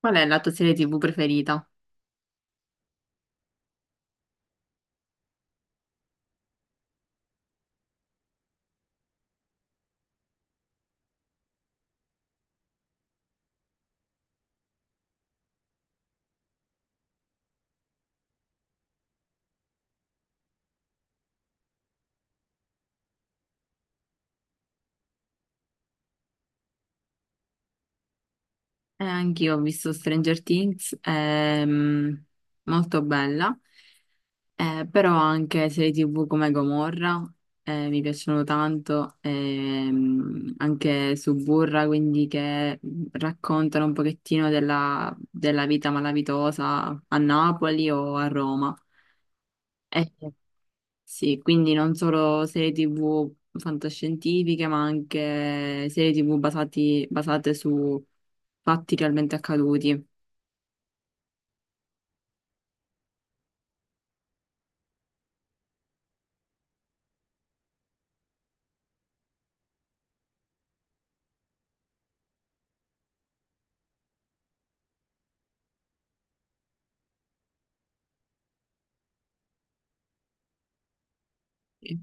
Qual è la tua serie TV preferita? Anch'io ho visto Stranger Things, molto bella, però anche serie TV come Gomorra, mi piacciono tanto, anche Suburra, quindi che raccontano un pochettino della vita malavitosa a Napoli o a Roma. Eh, Sì, quindi non solo serie TV fantascientifiche, ma anche serie TV basate su fatti realmente accaduti. Sì,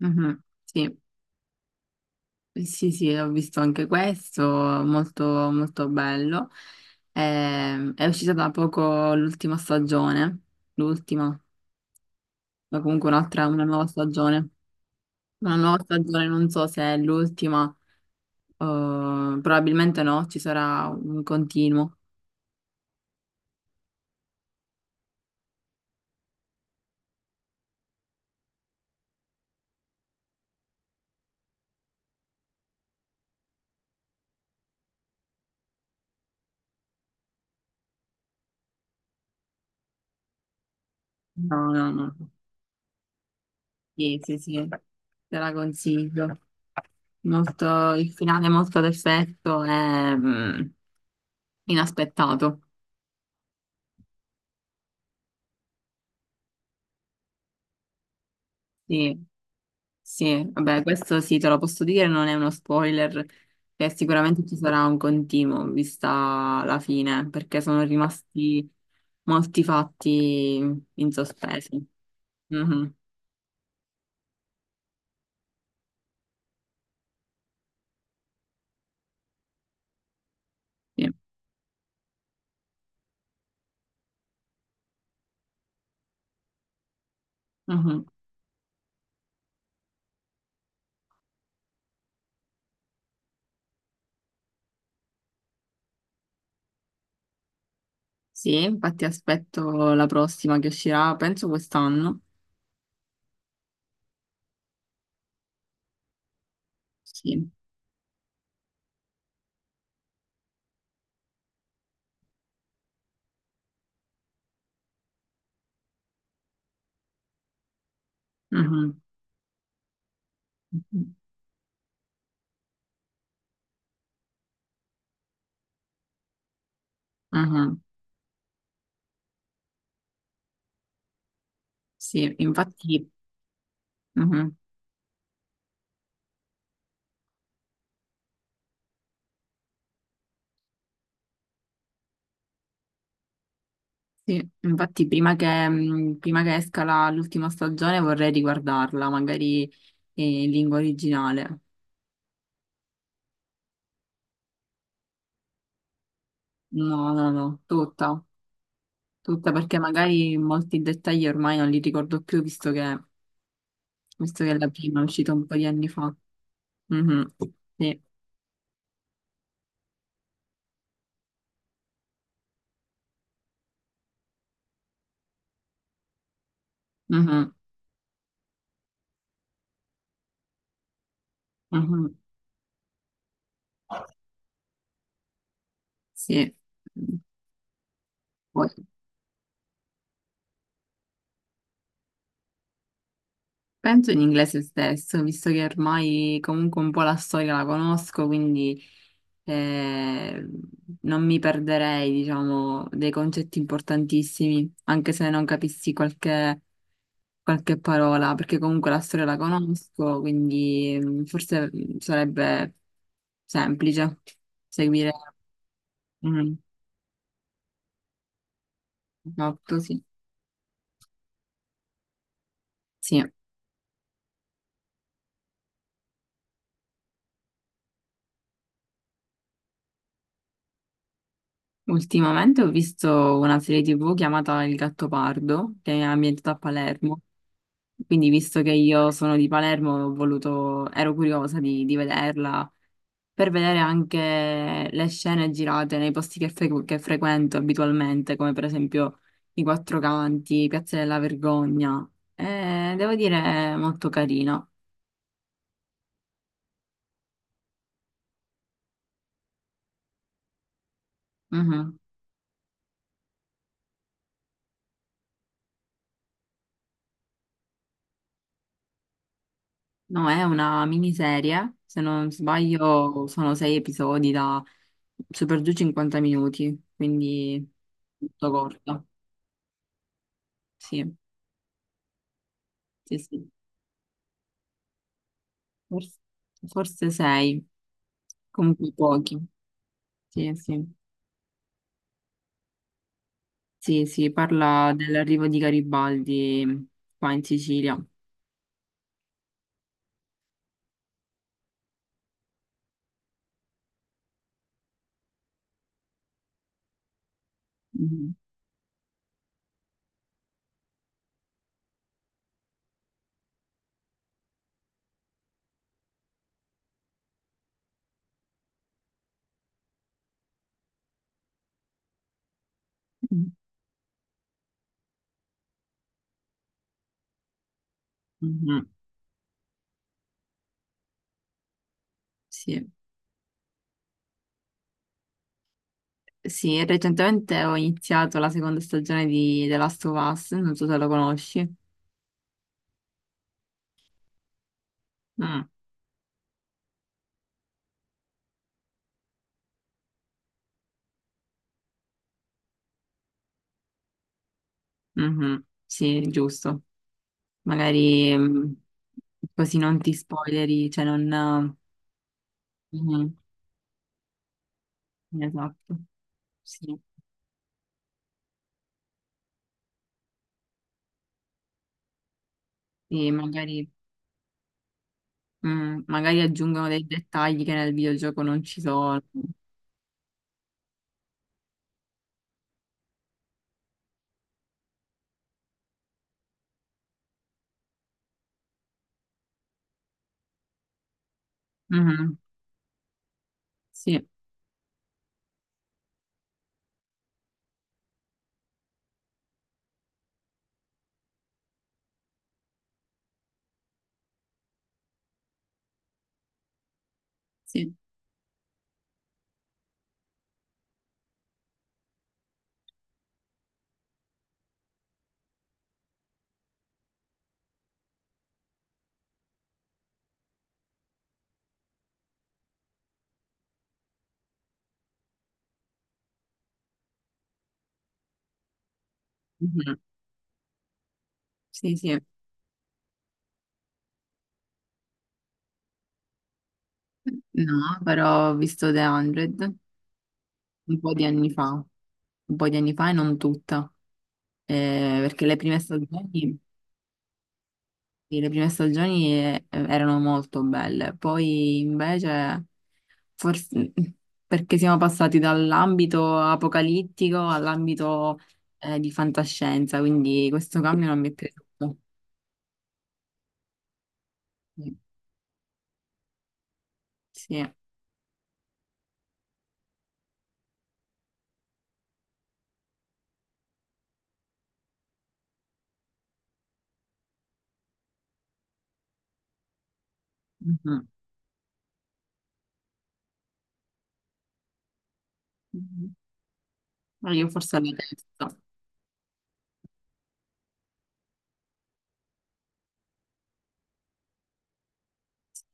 mhm, sì, sì, sì, ho visto anche questo, molto, molto bello. È uscita da poco l'ultima stagione, l'ultima, ma comunque un'altra, una nuova stagione. Una nuova stagione, non so se è l'ultima, probabilmente no, ci sarà un continuo. No, no, no. Sì, sì, sì, te la consiglio. Il finale è molto ad effetto e inaspettato. Sì, sì, vabbè, questo sì, te lo posso dire, non è uno spoiler, che sicuramente ci sarà un continuo, vista la fine, perché sono rimasti molti fatti in sospeso. Mhm, sì. Mhm. Sì, infatti aspetto la prossima che uscirà, penso quest'anno. Sì. Mhm. Mhm. Sì, infatti, mhm. Sì, infatti prima prima che esca l'ultima stagione vorrei riguardarla, magari in lingua originale. No, no, no, tutta, tutta perché magari molti dettagli ormai non li ricordo più visto che la prima è uscita un po' di anni fa. Mhm. Sì, mhm. Mhm. Sì. Poi- Penso in inglese stesso, visto che ormai comunque un po' la storia la conosco, quindi eh, non mi perderei, diciamo, dei concetti importantissimi, anche se non capissi qualche parola, perché comunque la storia la conosco, quindi forse sarebbe semplice seguire un fatto, sì. Sì. Ultimamente ho visto una serie TV chiamata Il Gattopardo, che è ambientata a Palermo. Quindi, visto che io sono di Palermo, ho voluto, ero curiosa di vederla per vedere anche le scene girate nei posti che frequento abitualmente, come per esempio i Quattro Canti, Piazza della Vergogna. Devo dire, è molto carina. Mhm. No, è una miniserie, se non sbaglio, sono sei episodi da super giù 50 minuti, quindi molto corta. Sì, sì, sì. Forse, forse sei. Comunque pochi, sì, sì, sì, sì, parla dell'arrivo di Garibaldi qua in Sicilia. Mhm. Mhm. Sì, sì, recentemente ho iniziato la seconda stagione di The Last of Us, non so se lo conosci. Mm. Mhm. Sì, giusto. Magari così non ti spoileri, cioè non... Mhm. Esatto, sì. Sì, magari, magari aggiungono dei dettagli che nel videogioco non ci sono. Mhm, sì, sì, mhm, sì, sì. No, però ho visto The 100 un po' di anni fa, un po' di anni fa e non tutta. Perché le prime stagioni, sì, le prime stagioni erano molto belle, poi invece, forse perché siamo passati dall'ambito apocalittico all'ambito di fantascienza, quindi questo cambio non mi è piaciuto. Sì, sì. Mhm, mhm. Ma io forse alla terza,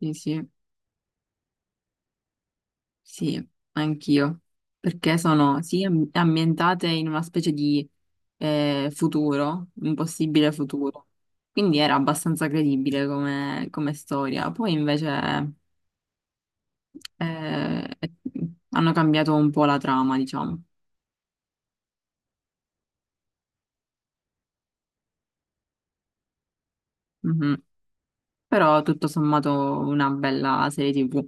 sì, sì. Sì, anch'io, perché sono sì, ambientate in una specie di futuro, un possibile futuro. Quindi era abbastanza credibile come, come storia. Poi invece eh, hanno cambiato un po' la trama, diciamo. Mhm. Però tutto sommato una bella serie TV.